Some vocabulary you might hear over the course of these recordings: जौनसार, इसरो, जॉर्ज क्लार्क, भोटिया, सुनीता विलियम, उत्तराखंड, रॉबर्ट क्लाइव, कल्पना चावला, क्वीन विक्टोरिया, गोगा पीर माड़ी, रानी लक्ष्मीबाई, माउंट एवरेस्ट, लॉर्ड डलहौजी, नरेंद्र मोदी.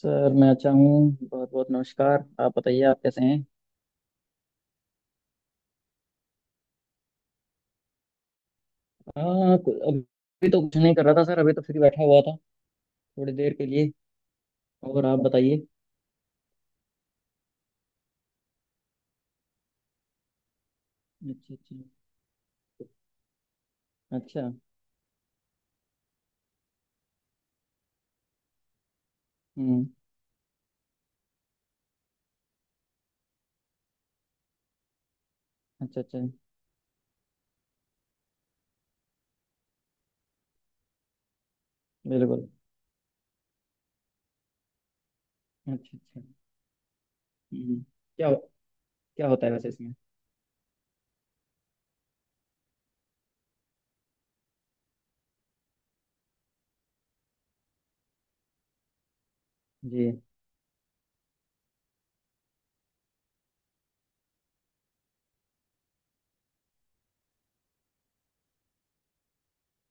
Sir मैं अच्छा हूँ। बहुत बहुत नमस्कार। आप बताइए, आप कैसे हैं। हाँ, अभी तो कुछ नहीं कर रहा था सर, अभी तो फ्री बैठा हुआ था थोड़ी देर के लिए। और आप बताइए। अच्छा अच्छा। अच्छा। हम्म। अच्छा अच्छा। बिल्कुल। अच्छा अच्छा। हम्म। क्या? क्या होता है वैसे इसमें? जी।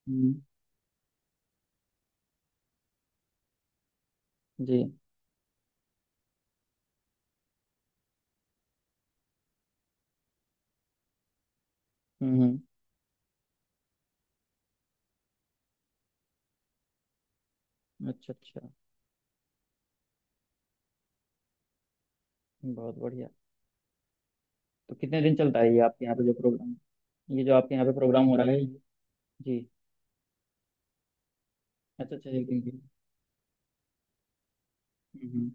हम्म। जी। हम्म हम्म, अच्छा अच्छा। बहुत बढ़िया। तो कितने दिन चलता है ये आपके यहाँ पे जो प्रोग्राम? ये जो आपके यहाँ पे प्रोग्राम हो रहा है ये-? जी। अच्छा अच्छा, एक दिन के लिए। हम्म हम्म,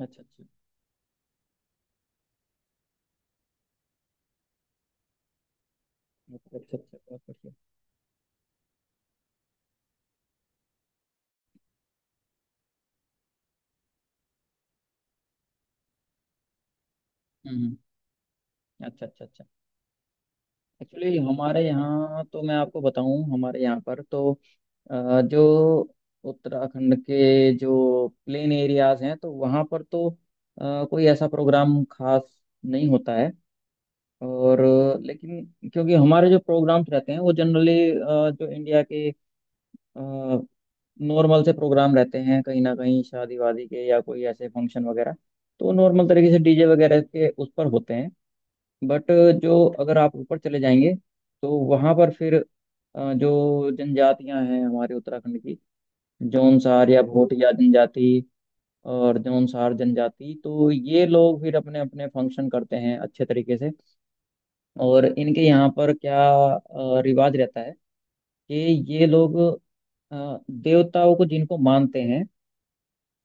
अच्छा अच्छा अच्छा। अच्छा अच्छा, बहुत बढ़िया। हम्म हम्म। अच्छा अच्छा अच्छा। एक्चुअली हमारे यहाँ तो, मैं आपको बताऊं, हमारे यहाँ पर तो जो उत्तराखंड के जो प्लेन एरियाज हैं तो वहाँ पर तो कोई ऐसा प्रोग्राम खास नहीं होता है। और लेकिन क्योंकि हमारे जो प्रोग्राम्स रहते हैं वो जनरली जो इंडिया के नॉर्मल से प्रोग्राम रहते हैं, कहीं ना कहीं शादी वादी के या कोई ऐसे फंक्शन वगैरह, तो नॉर्मल तरीके से डीजे वगैरह के उस पर होते हैं। बट जो अगर आप ऊपर चले जाएंगे तो वहाँ पर फिर जो जनजातियां हैं हमारे उत्तराखंड की, जौनसार या भोटिया जनजाति और जौनसार जनजाति, तो ये लोग फिर अपने अपने फंक्शन करते हैं अच्छे तरीके से। और इनके यहाँ पर क्या रिवाज रहता है कि ये लोग देवताओं को जिनको मानते हैं,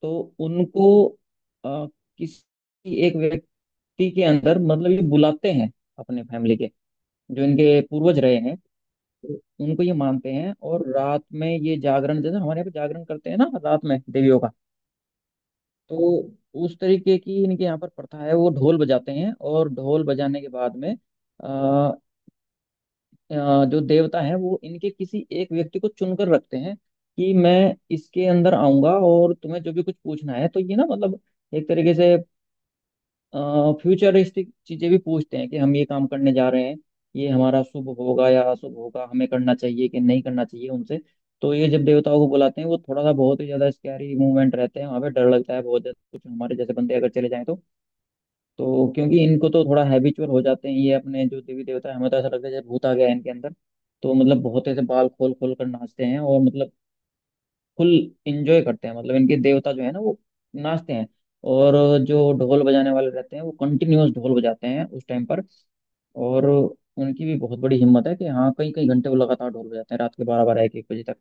तो उनको अ, किसी एक व्यक्ति के अंदर मतलब ये बुलाते हैं, अपने फैमिली के जो इनके पूर्वज रहे हैं उनको ये मानते हैं। और रात में ये जागरण, जैसे हमारे यहाँ पे जागरण करते हैं ना रात में देवियों का, तो उस तरीके की इनके यहाँ पर प्रथा है। वो ढोल बजाते हैं और ढोल बजाने के बाद में अ, जो देवता है वो इनके किसी एक व्यक्ति को चुनकर रखते हैं कि मैं इसके अंदर आऊंगा और तुम्हें जो भी कुछ पूछना है तो ये ना मतलब एक तरीके से फ्यूचरिस्टिक चीजें भी पूछते हैं कि हम ये काम करने जा रहे हैं, ये हमारा शुभ होगा या अशुभ होगा, हमें करना चाहिए कि नहीं करना चाहिए उनसे। तो ये जब देवताओं को बुलाते हैं वो थोड़ा सा, बहुत ही ज्यादा स्कैरी मूवमेंट रहते हैं, वहाँ पे डर लगता है बहुत ज्यादा, कुछ हमारे जैसे बंदे अगर चले जाएं तो। तो क्योंकि इनको तो थोड़ा हैबिचुअल हो जाते हैं ये, अपने जो देवी देवता है, हमें तो ऐसा लगता है जैसे भूत आ गया है इनके अंदर। तो मतलब बहुत ऐसे बाल खोल खोल कर नाचते हैं और मतलब फुल इंजॉय करते हैं, मतलब इनके देवता जो है ना वो नाचते हैं। और जो ढोल बजाने वाले रहते हैं वो कंटिन्यूअस ढोल बजाते हैं उस टाइम पर। और उनकी भी बहुत बड़ी हिम्मत है कि हाँ, कई कई घंटे वो लगातार ढोल बजाते हैं, रात के बारह बारह एक एक बजे तक।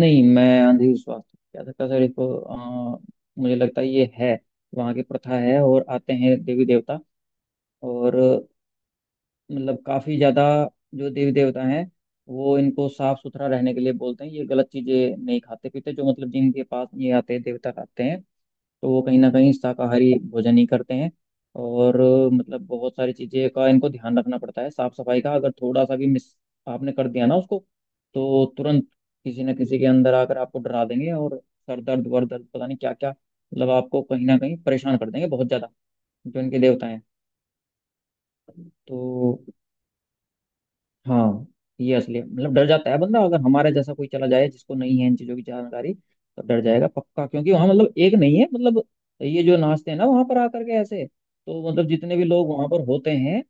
नहीं, मैं अंधविश्वास नहीं कह सकता सर इसको। अ, मुझे लगता है ये है वहाँ की प्रथा है और आते हैं देवी देवता। और मतलब काफी ज्यादा जो देवी देवता हैं वो इनको साफ सुथरा रहने के लिए बोलते हैं। ये गलत चीजें नहीं खाते पीते, जो मतलब जिनके पास ये आते हैं, देवता आते हैं, तो वो कहीं ना कहीं शाकाहारी भोजन ही करते हैं। और मतलब बहुत सारी चीजें का इनको ध्यान रखना पड़ता है साफ सफाई का। अगर थोड़ा सा भी मिस आपने कर दिया ना उसको तो तुरंत किसी न किसी के अंदर आकर आपको डरा देंगे। और सर दर्द वर दर्द पता नहीं क्या क्या, मतलब आपको कहीं ना कहीं परेशान कर देंगे बहुत ज्यादा जो इनके देवता हैं। तो हाँ, ये असली है। मतलब डर जाता है बंदा, अगर हमारे जैसा कोई चला जाए जिसको नहीं है इन चीजों की जानकारी, तो डर जाएगा पक्का। क्योंकि वहां मतलब एक नहीं है मतलब, ये जो नाचते हैं ना वहां पर आकर के ऐसे, तो मतलब जितने भी लोग वहां पर होते हैं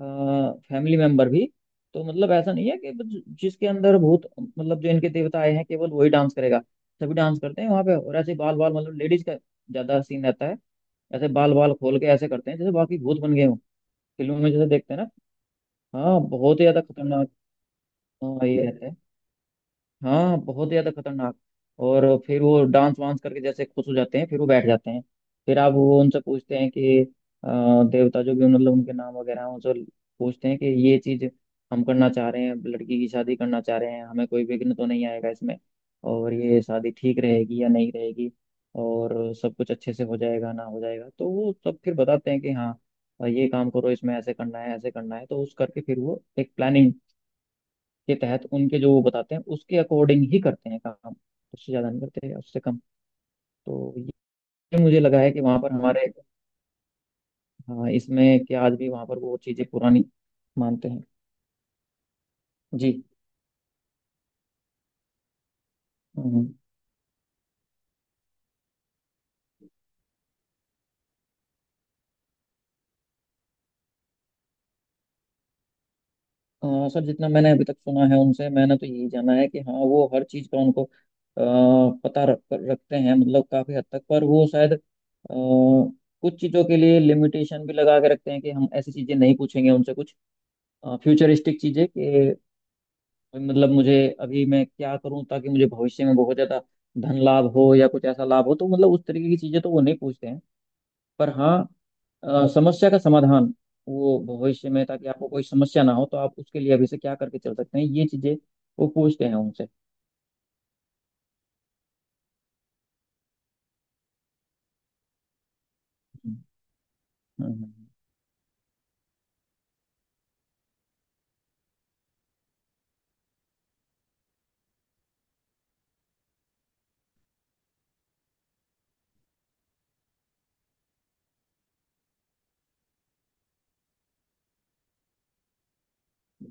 फैमिली मेंबर भी, तो मतलब ऐसा नहीं है कि बस जिसके अंदर भूत, मतलब जो इनके देवता आए हैं केवल वही डांस करेगा। सभी डांस करते हैं वहां पे। और ऐसे बाल बाल, मतलब लेडीज का ज्यादा सीन रहता है, ऐसे बाल बाल खोल के ऐसे करते हैं जैसे बाकी भूत बन गए हों। फिल्मों में जैसे देखते हैं ना, हाँ बहुत ही ज्यादा खतरनाक। हाँ ये रहता है। हाँ, बहुत ज्यादा खतरनाक। और फिर वो डांस वांस करके जैसे खुश हो जाते हैं, फिर वो बैठ जाते हैं। फिर आप वो उनसे पूछते हैं कि देवता जो भी मतलब उनके नाम वगैरह हैं उनसे पूछते हैं कि ये चीज हम करना चाह रहे हैं, लड़की की शादी करना चाह रहे हैं, हमें कोई विघ्न तो नहीं आएगा इसमें और ये शादी ठीक रहेगी या नहीं रहेगी और सब कुछ अच्छे से हो जाएगा ना हो जाएगा। तो वो सब फिर बताते हैं कि हाँ, ये काम करो, इसमें ऐसे करना है, ऐसे करना है। तो उस करके फिर वो एक प्लानिंग के तहत उनके जो वो बताते हैं उसके अकॉर्डिंग ही करते हैं काम, उससे ज्यादा नहीं करते या उससे कम। तो ये मुझे लगा है कि वहां पर हमारे, हाँ इसमें कि आज भी वहां पर वो चीजें पुरानी मानते हैं। जी। हम्म। सर जितना मैंने अभी तक सुना है उनसे, मैंने तो यही जाना है कि हाँ, वो हर चीज का उनको पता रखते हैं, मतलब काफी हद तक। पर वो शायद कुछ चीजों के लिए लिमिटेशन भी लगा के रखते हैं कि हम ऐसी चीजें नहीं पूछेंगे उनसे। कुछ फ्यूचरिस्टिक चीजें कि मतलब मुझे, अभी मैं क्या करूं ताकि मुझे भविष्य में बहुत ज्यादा धन लाभ हो या कुछ ऐसा लाभ हो, तो मतलब उस तरीके की चीजें तो वो नहीं पूछते हैं। पर हाँ, समस्या का समाधान, वो भविष्य में ताकि आपको कोई समस्या ना हो तो आप उसके लिए अभी से क्या करके चल सकते हैं, ये चीजें वो पूछते हैं उनसे। हम्म, हम्म,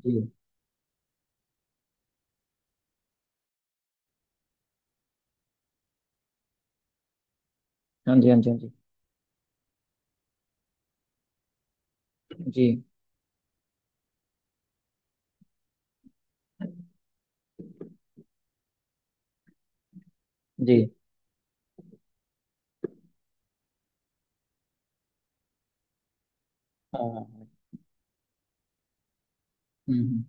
जी। हाँ जी, हाँ जी, हाँ जी। जी जी। हाँ हाँ हाँ, हम्म,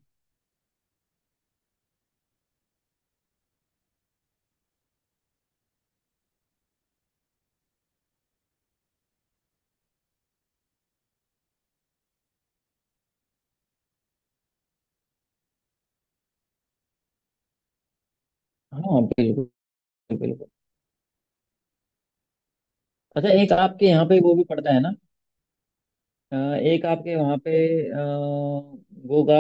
हाँ, बिल्कुल। बिल्कुल। अच्छा, एक आपके यहाँ पे वो भी पड़ता है ना, एक आपके वहाँ पे अ, गोगा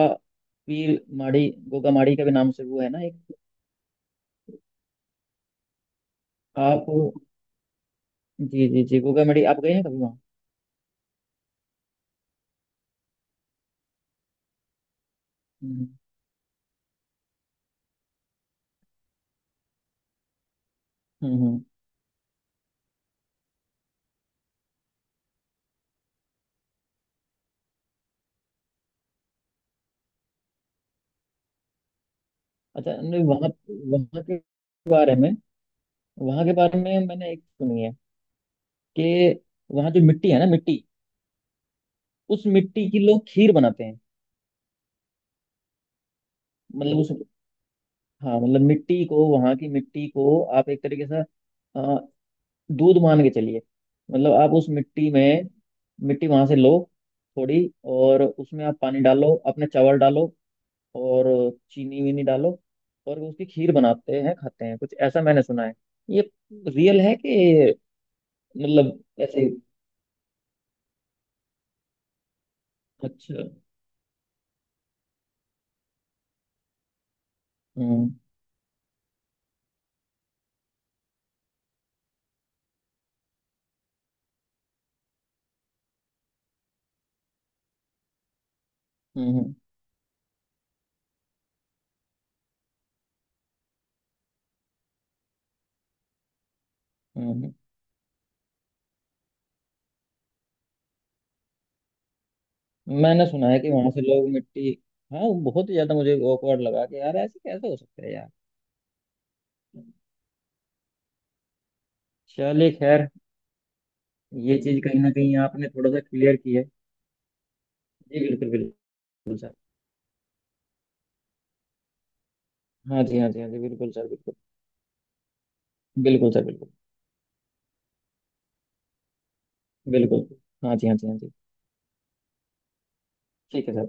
पीर माड़ी, गोगा माड़ी का भी नाम से वो है ना एक। आप, जी जी जी, गोगा माड़ी आप गए हैं कभी वहाँ? हम्म हम्म हम्म। अच्छा, नहीं वहाँ, वहाँ के बारे में, वहाँ के बारे में मैंने एक सुनी है कि वहाँ जो मिट्टी है ना, मिट्टी, उस मिट्टी की लोग खीर बनाते हैं। मतलब उस, हाँ मतलब मिट्टी को, वहाँ की मिट्टी को आप एक तरीके से दूध मान के चलिए। मतलब आप उस मिट्टी में, मिट्टी वहां से लो थोड़ी और उसमें आप पानी डालो, अपने चावल डालो और चीनी वीनी डालो और उसकी खीर बनाते हैं, खाते हैं। कुछ ऐसा मैंने सुना है, ये रियल है कि मतलब ऐसे ही? अच्छा। हम्म हम्म हम्म हम्म। मैंने सुना है कि वहां से लोग मिट्टी, हाँ वो बहुत ही ज्यादा मुझे awkward लगा कि यार ऐसे कैसे हो सकता है यार। चलिए खैर, ये चीज कहीं ना कहीं आपने थोड़ा सा क्लियर की है। जी बिल्कुल। बिल्कुल। हाँ जी, हाँ जी, हाँ जी बिल्कुल सर बिल्कुल। बिल्कुल सर बिल्कुल। बिल्कुल। हाँ जी, हाँ जी, हाँ जी। ठीक है सर।